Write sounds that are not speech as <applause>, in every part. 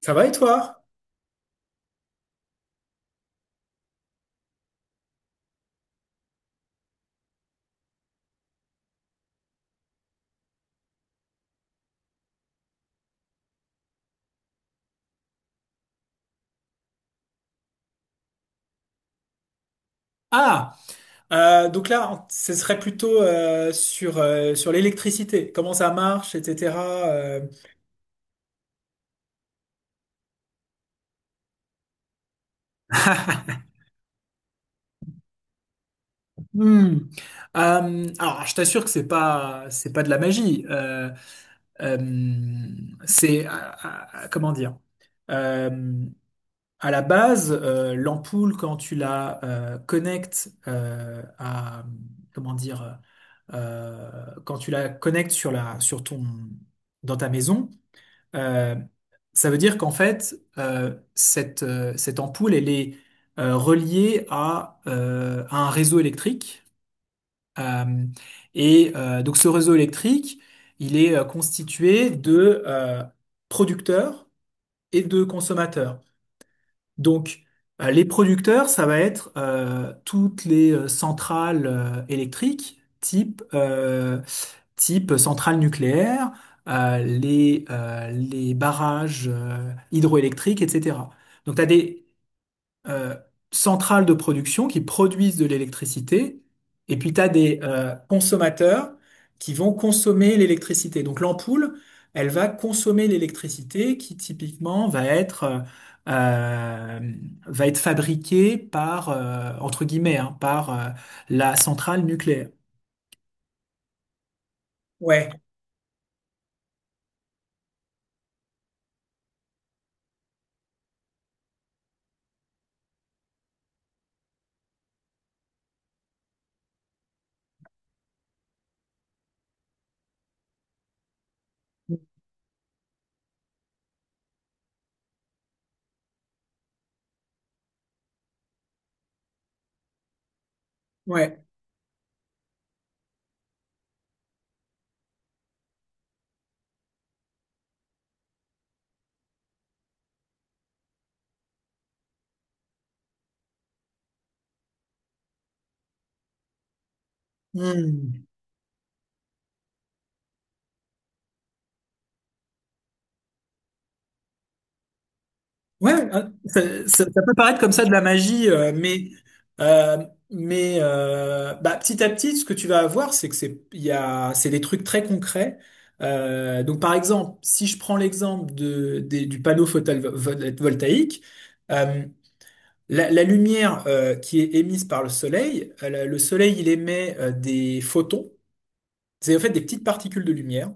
Ça va et toi? Ah, donc là, ce serait plutôt sur l'électricité, comment ça marche, etc. euh. Hmm. Alors, je t'assure que c'est pas de la magie. Euh, c'est, euh, Comment dire? Euh, à la base, l'ampoule, quand tu la connectes à, comment dire, quand tu la connectes sur la, sur ton, dans ta maison. Euh, Ça veut dire qu'en fait, cette ampoule, elle est reliée à un réseau électrique. Euh, donc ce réseau électrique, il est constitué de producteurs et de consommateurs. Donc, les producteurs, ça va être toutes les centrales électriques, type centrale nucléaire, les barrages hydroélectriques, etc. Donc, tu as des euh, centrales de production qui produisent de l'électricité, et puis tu as des consommateurs qui vont consommer l'électricité. Donc l'ampoule, elle va consommer l'électricité qui typiquement euh, va être fabriquée entre guillemets, hein, par la centrale nucléaire. Ouais, ouais. Hmm. Ouais, ça peut paraître comme ça de la magie, euh, mais bah, petit à petit, ce que tu vas avoir, c'est que c'est il y a c'est des trucs très concrets. Donc par exemple, si je prends l'exemple du panneau photovoltaïque, euh, la lumière qui est émise par le soleil. Le soleil il émet des photons, c'est en fait des petites particules de lumière.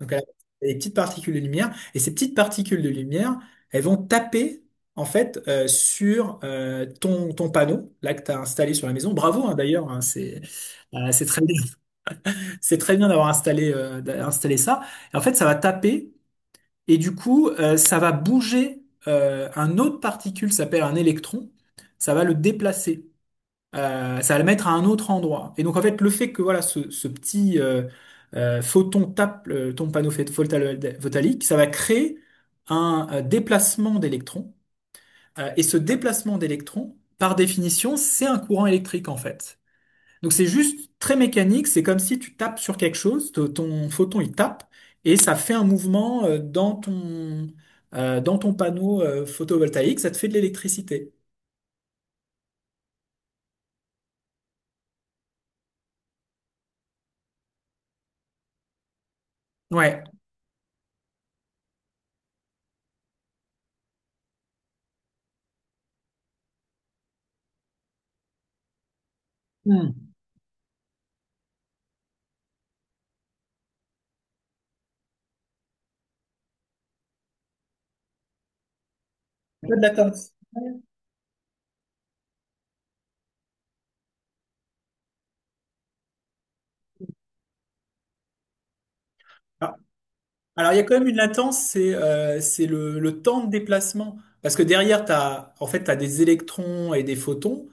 Donc, elle a des petites particules de lumière. Et ces petites particules de lumière, elles vont taper, en fait, sur ton panneau, là, que tu as installé sur la maison. Bravo, hein, d'ailleurs, hein, c'est très bien, <laughs> c'est très bien d'avoir installé ça. Et en fait, ça va taper, et du coup, ça va bouger un autre particule, ça s'appelle un électron, ça va le déplacer, ça va le mettre à un autre endroit. Et donc en fait, le fait que voilà ce petit photon tape ton panneau photonique, ça va créer un déplacement d'électrons. Et ce déplacement d'électrons, par définition, c'est un courant électrique en fait. Donc c'est juste très mécanique. C'est comme si tu tapes sur quelque chose, ton photon il tape et ça fait un mouvement dans ton panneau photovoltaïque. Ça te fait de l'électricité. Ouais. Hmm. Pas de la Alors, il y a quand même une latence, c'est le temps de déplacement. Parce que derrière, en fait, t'as des électrons et des photons.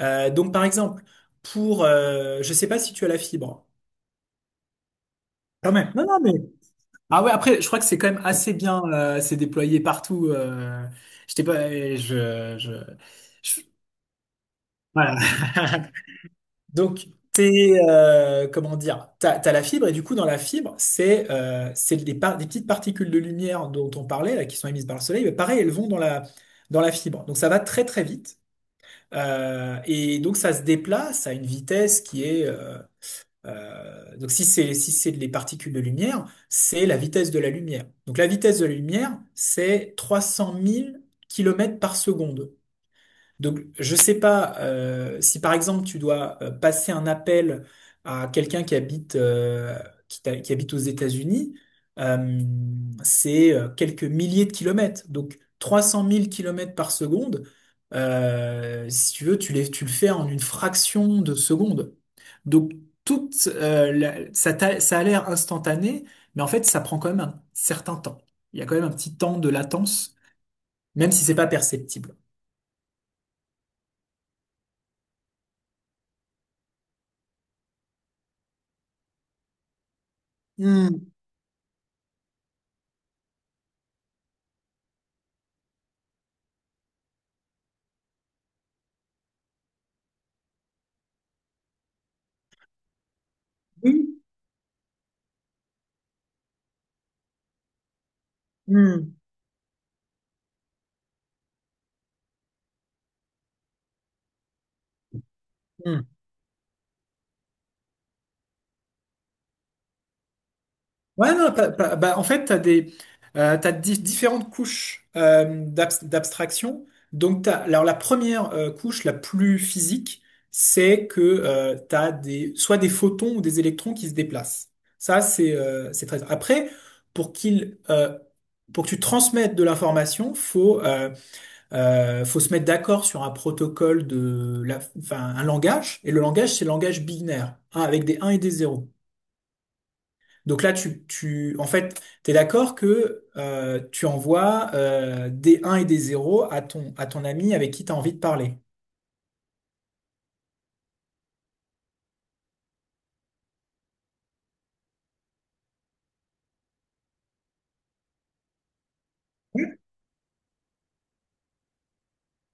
Donc, par exemple, je sais pas si tu as la fibre. Quand même. Non, non, mais. Ah ouais, après, je crois que c'est quand même assez bien, c'est déployé partout. Je pas, je, je, je- Voilà. <laughs> Comment dire, t'as la fibre, et du coup, dans la fibre, c'est des petites particules de lumière dont on parlait, là, qui sont émises par le soleil, mais pareil, elles vont dans dans la fibre. Donc, ça va très, très vite. Et donc, ça se déplace à une vitesse qui est, donc, si c'est si c'est des particules de lumière, c'est la vitesse de la lumière. Donc, la vitesse de la lumière, c'est 300 000 kilomètres par seconde. Donc, je sais pas si par exemple tu dois passer un appel à quelqu'un qui habite qui habite aux États-Unis. Euh, c'est Quelques milliers de kilomètres, donc 300 000 kilomètres par seconde. Si tu veux, tu le fais en une fraction de seconde. Donc, toute, la- ça, t'a- ça a l'air instantané, mais en fait, ça prend quand même un certain temps. Il y a quand même un petit temps de latence, même si c'est pas perceptible. Hmm. Hmm, hmm. Ouais, non, bah, en fait, tu as des, t'as di- différentes couches d'abstraction. Donc, alors, la première couche, la plus physique, c'est que soit des photons ou des électrons qui se déplacent. Ça, c'est très... Après, pour qu'il, euh, pour que tu transmettes de l'information, faut se mettre d'accord sur un protocole, enfin, un langage. Et le langage, c'est le langage binaire, hein, avec des 1 et des 0. Donc là, en fait, t'es d'accord que tu envoies des 1 et des 0 à à ton ami avec qui tu as envie de parler. Ouais.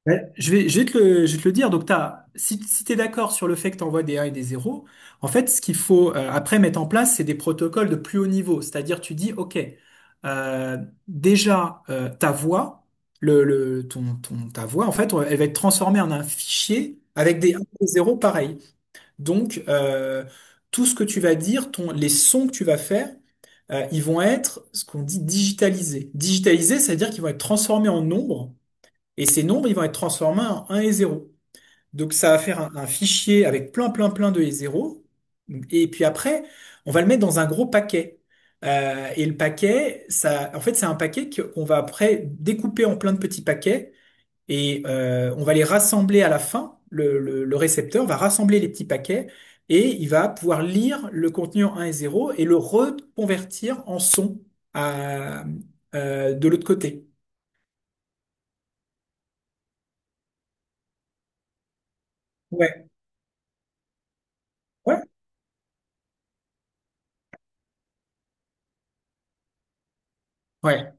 Ouais. Je vais te le dire. Donc, t'as, si, si tu es d'accord sur le fait que tu envoies des 1 et des 0, en fait, ce qu'il faut après mettre en place, c'est des protocoles de plus haut niveau. C'est-à-dire, tu dis, OK, euh, déjà, ta voix, ta voix, en fait, elle va être transformée en un fichier avec des 1 et des 0 pareil. Donc, tout ce que tu vas dire, les sons que tu vas faire, ils vont être ce qu'on dit digitalisés. Digitalisés, ça veut dire qu'ils vont être transformés en nombres, et ces nombres, ils vont être transformés en un et zéro. Donc ça va faire un fichier avec plein, plein, plein de et zéro. Et puis après, on va le mettre dans un gros paquet. Et le paquet, ça, en fait, c'est un paquet qu'on va après découper en plein de petits paquets et on va les rassembler à la fin. Le le récepteur va rassembler les petits paquets et il va pouvoir lire le contenu en 1 et 0 et le reconvertir en son, à, de l'autre côté. Ouais, ouais, ouais.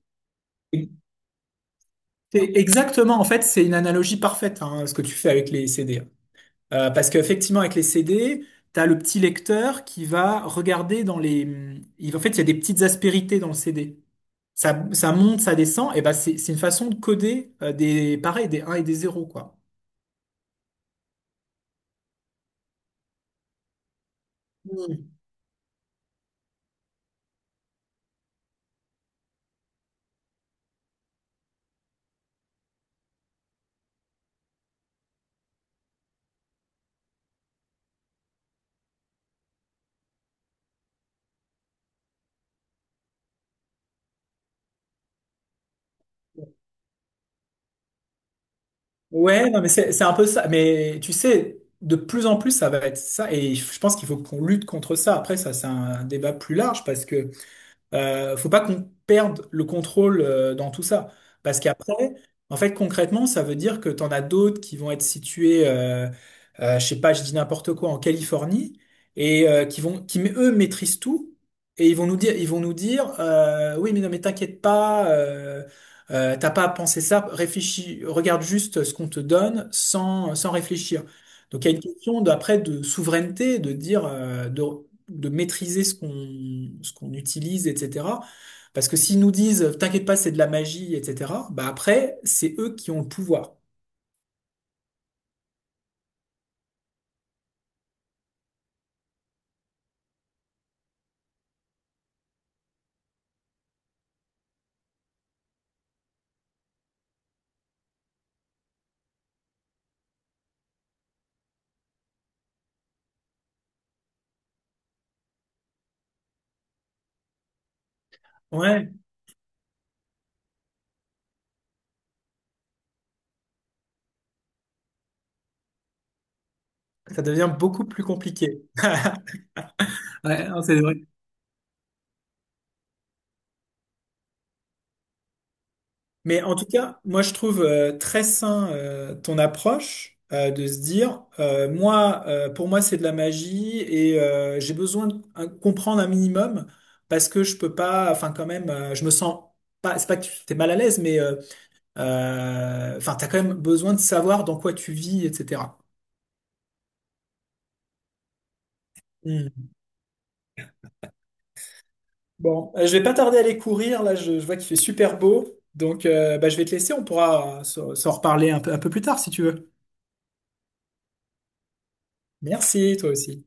C'est exactement, en fait, c'est une analogie parfaite, hein, ce que tu fais avec les CD. Parce qu'effectivement, avec les CD, tu as le petit lecteur qui va regarder dans les... En fait, il y a des petites aspérités dans le CD. Ça, ça monte, ça descend, et ben c'est une façon de coder, pareil, des un et des zéro quoi. Hmm. Ouais, non, mais c'est un peu ça. Mais tu sais, de plus en plus, ça va être ça. Et je pense qu'il faut qu'on lutte contre ça. Après, ça, c'est un débat plus large, parce que faut pas qu'on perde le contrôle dans tout ça. Parce qu'après, en fait, concrètement, ça veut dire que tu en as d'autres qui vont être situés, je sais pas, je dis n'importe quoi, en Californie, et qui eux maîtrisent tout, et ils vont nous dire, oui, mais non, mais t'inquiète pas, t'as pas à penser ça, réfléchis, regarde juste ce qu'on te donne sans réfléchir. Donc il y a une question d'après de souveraineté, de dire, de maîtriser ce qu'on utilise, etc. Parce que s'ils nous disent, t'inquiète pas, c'est de la magie, etc., bah après, c'est eux qui ont le pouvoir. Ouais, ça devient beaucoup plus compliqué. <laughs> Ouais, non, c'est vrai. Mais en tout cas, moi je trouve très sain, ton approche, de se dire, moi pour moi c'est de la magie, et j'ai besoin de comprendre un minimum, parce que je peux pas, enfin quand même, je me sens pas, c'est pas que tu es mal à l'aise, mais enfin, t'as quand même besoin de savoir dans quoi tu vis, etc. Hmm. Bon, je vais pas tarder à aller courir. Là, je vois qu'il fait super beau. Donc, bah, je vais te laisser. On pourra s'en reparler un peu plus tard, si tu veux. Merci, toi aussi.